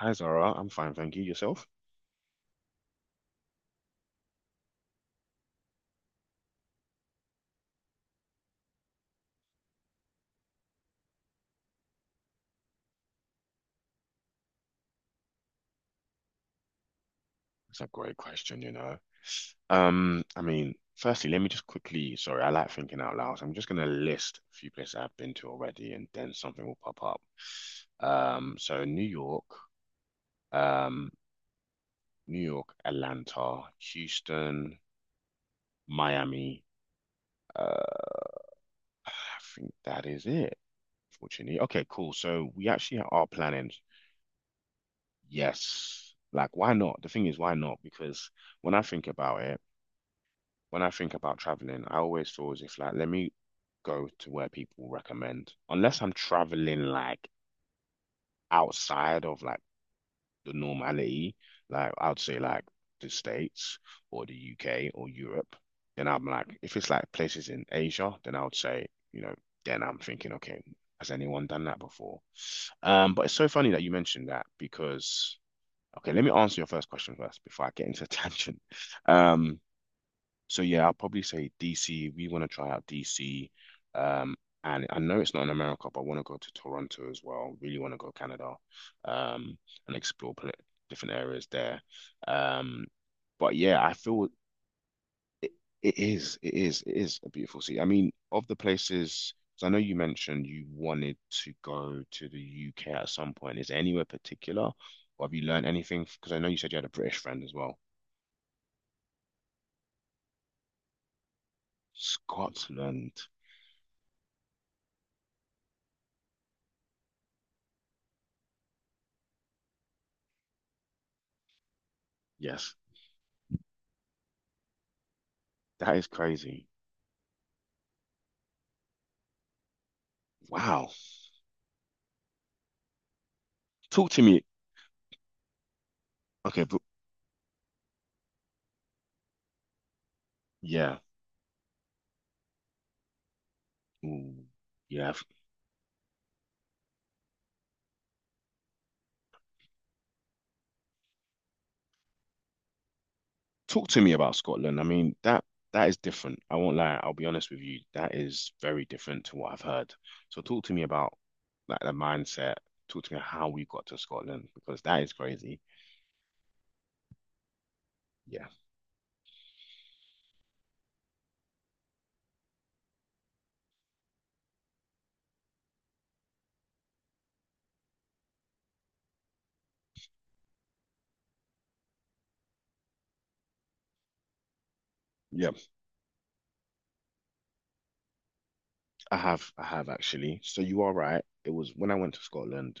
Hi Zara, I'm fine, thank you. Yourself? That's a great question, you know. I mean, firstly, let me just quickly, sorry, I like thinking out loud. I'm just gonna list a few places I've been to already and then something will pop up. So New York, um, New York, Atlanta, Houston, Miami. Uh, I think that is it, fortunately. Okay, cool. So we actually are planning, yes. Like, why not? The thing is, why not? Because when I think about it, when I think about traveling, I always feel as if like let me go to where people recommend. Unless I'm traveling like outside of like the normality, like I'd say like the States or the UK or Europe, then I'm like if it's like places in Asia, then I would say, you know, then I'm thinking, okay, has anyone done that before? But it's so funny that you mentioned that because okay, let me answer your first question first before I get into a tangent. Um so yeah, I'll probably say DC. We want to try out DC. Um, and I know it's not in America, but I want to go to Toronto as well. Really want to go Canada, um, and explore pl different areas there. Um, but yeah, I feel it, it is a beautiful city. I mean, of the places, 'cause I know you mentioned you wanted to go to the UK at some point. Is there anywhere particular, or have you learned anything? Because I know you said you had a British friend as well. Scotland. Yes. That is crazy. Wow. Talk to me. Okay, but yeah. Ooh, yeah. Talk to me about Scotland. I mean, that is different. I won't lie. I'll be honest with you. That is very different to what I've heard. So talk to me about like the mindset. Talk to me how we got to Scotland because that is crazy. Yeah. Yeah. I have actually. So you are right. It was when I went to Scotland.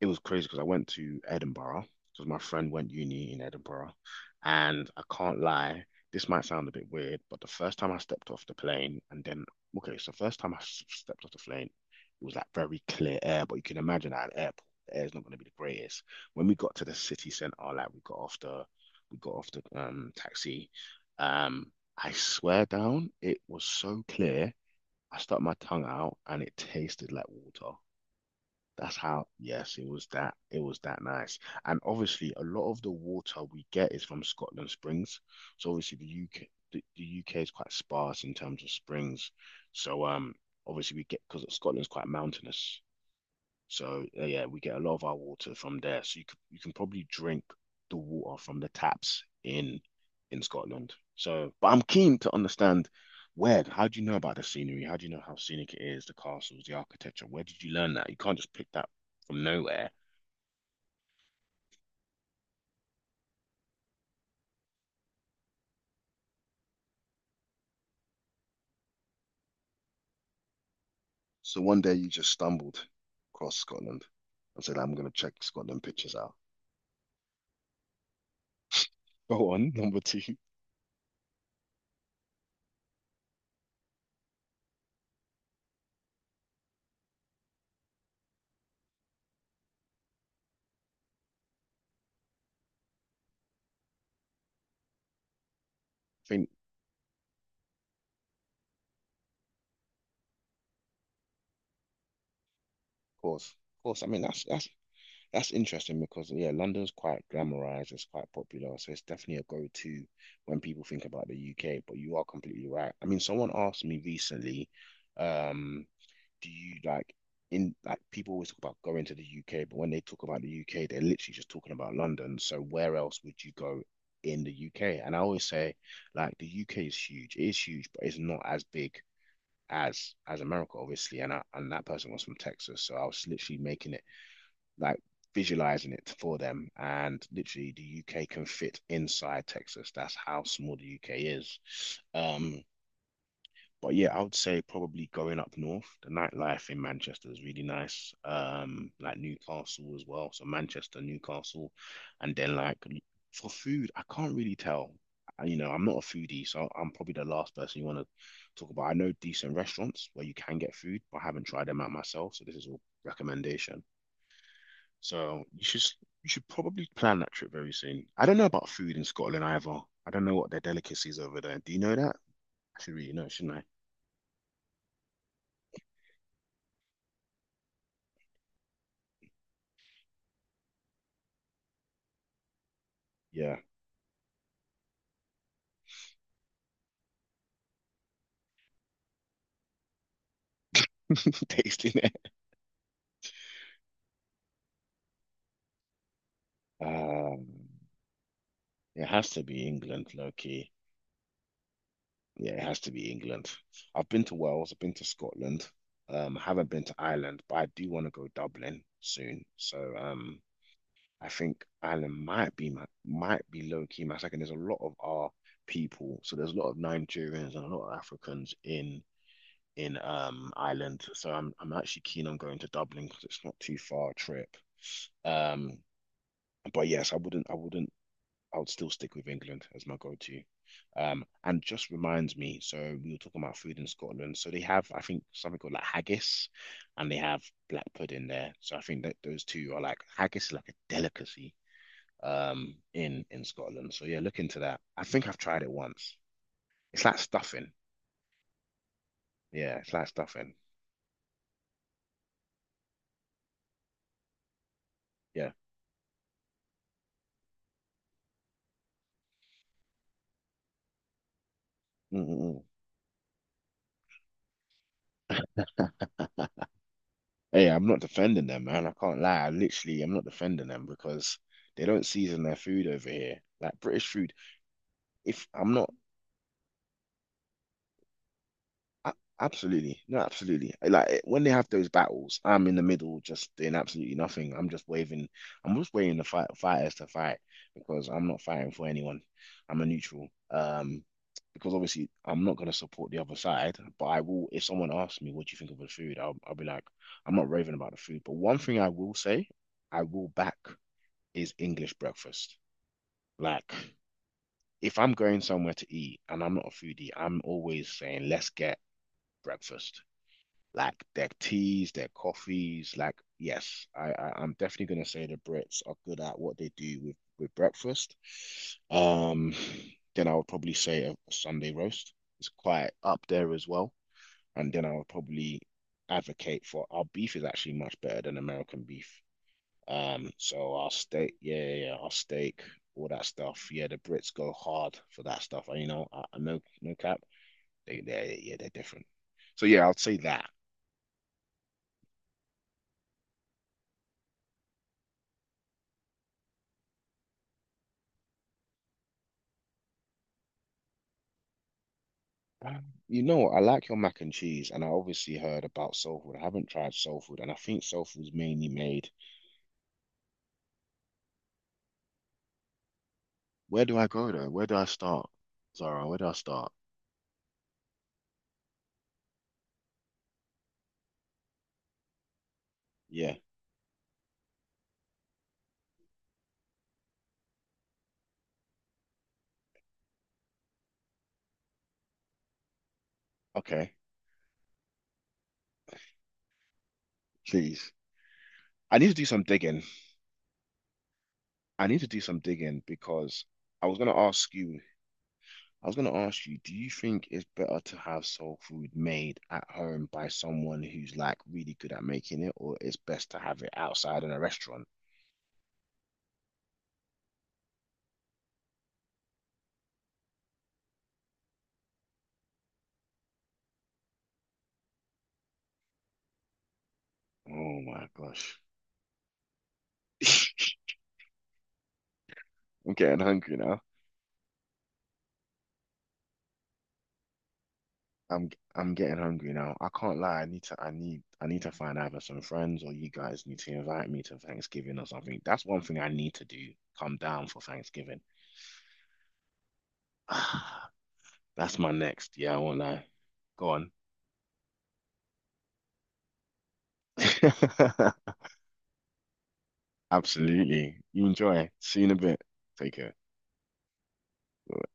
It was crazy because I went to Edinburgh because my friend went uni in Edinburgh, and I can't lie, this might sound a bit weird, but the first time I stepped off the plane, and then okay, so first time I stepped off the plane, it was like very clear air, but you can imagine at an airport, the air's not going to be the greatest. When we got to the city centre, like we got off the we got off the taxi, um, I swear down, it was so clear. I stuck my tongue out and it tasted like water. That's how, yes, it was that. It was that nice. And obviously, a lot of the water we get is from Scotland Springs. So obviously, the UK is quite sparse in terms of springs. So obviously we get because Scotland's quite mountainous. So yeah, we get a lot of our water from there. So you can probably drink the water from the taps in Scotland. So, but I'm keen to understand where. How do you know about the scenery? How do you know how scenic it is, the castles, the architecture? Where did you learn that? You can't just pick that from nowhere. So one day you just stumbled across Scotland and said, I'm going to check Scotland pictures out. Go on, number two. I think, of course, of course. I mean, that's that's interesting because yeah, London's quite glamorized, it's quite popular, so it's definitely a go-to when people think about the UK, but you are completely right. I mean, someone asked me recently, um, do you like in like people always talk about going to the UK, but when they talk about the UK, they're literally just talking about London. So where else would you go in the UK? And I always say like the UK is huge. It is huge, but it's not as big as America, obviously. And that person was from Texas, so I was literally making it like visualizing it for them. And literally, the UK can fit inside Texas. That's how small the UK is. Um, but yeah, I would say probably going up north. The nightlife in Manchester is really nice. Like Newcastle as well. So Manchester, Newcastle, and then like for food, I can't really tell. You know, I'm not a foodie, so I'm probably the last person you want to talk about. I know decent restaurants where you can get food, but I haven't tried them out myself. So this is all recommendation. So you should probably plan that trip very soon. I don't know about food in Scotland either. I don't know what their delicacies over there. Do you know that? I should really know, shouldn't I? Yeah, tasting it. Um, it has to be England, low key. Yeah, it has to be England. I've been to Wales. I've been to Scotland. I haven't been to Ireland, but I do want to go Dublin soon. So I think Ireland might be my might be low key my second. There's a lot of our people, so there's a lot of Nigerians and a lot of Africans in Ireland. So I'm actually keen on going to Dublin because it's not too far a trip. Um, but yes, I wouldn't I wouldn't I would still stick with England as my go-to. And just reminds me, so we were talking about food in Scotland. So they have, I think, something called like haggis, and they have black pudding there. So I think that those two are like haggis is like a delicacy in Scotland. So yeah, look into that. I think I've tried it once. It's like stuffing. Yeah, it's like stuffing. Yeah. Mm-mm-mm. Hey, I'm not defending them, man. I can't lie. I literally, I'm not defending them because they don't season their food over here. Like British food, if I'm not, a- absolutely, no, absolutely. Like when they have those battles, I'm in the middle, just doing absolutely nothing. I'm just waving. I'm just waiting the fighters to fight because I'm not fighting for anyone. I'm a neutral. Because obviously I'm not going to support the other side, but I will. If someone asks me, what do you think of the food? I'll be like, I'm not raving about the food. But one thing I will say. I will back. Is English breakfast. Like, if I'm going somewhere to eat and I'm not a foodie, I'm always saying, let's get breakfast. Like their teas, their coffees. Like, yes, I'm definitely gonna say the Brits are good at what they do with breakfast. Um, then I would probably say a Sunday roast is quite up there as well. And then I would probably advocate for our beef is actually much better than American beef. So I'll stake, I'll stake all that stuff. Yeah, the Brits go hard for that stuff. You know, I no, no cap. Yeah, they're different. So yeah, I will say that. Um, You know, I like your mac and cheese, and I obviously heard about soul food. I haven't tried soul food, and I think soul food's mainly made. Where do I go though? Where do I start? Zara, where do I start? Yeah, okay, please. I need to do some digging. I need to do some digging because I was gonna ask you I was going to ask you, do you think it's better to have soul food made at home by someone who's like really good at making it, or it's best to have it outside in a restaurant? Oh my gosh. I'm getting hungry now. I'm getting hungry now. I can't lie. I need to find either some friends or you guys need to invite me to Thanksgiving or something. That's one thing I need to do. Come down for Thanksgiving. That's my next. Yeah, I won't lie. Go on. Absolutely. You enjoy. See you in a bit. Take care. Bye.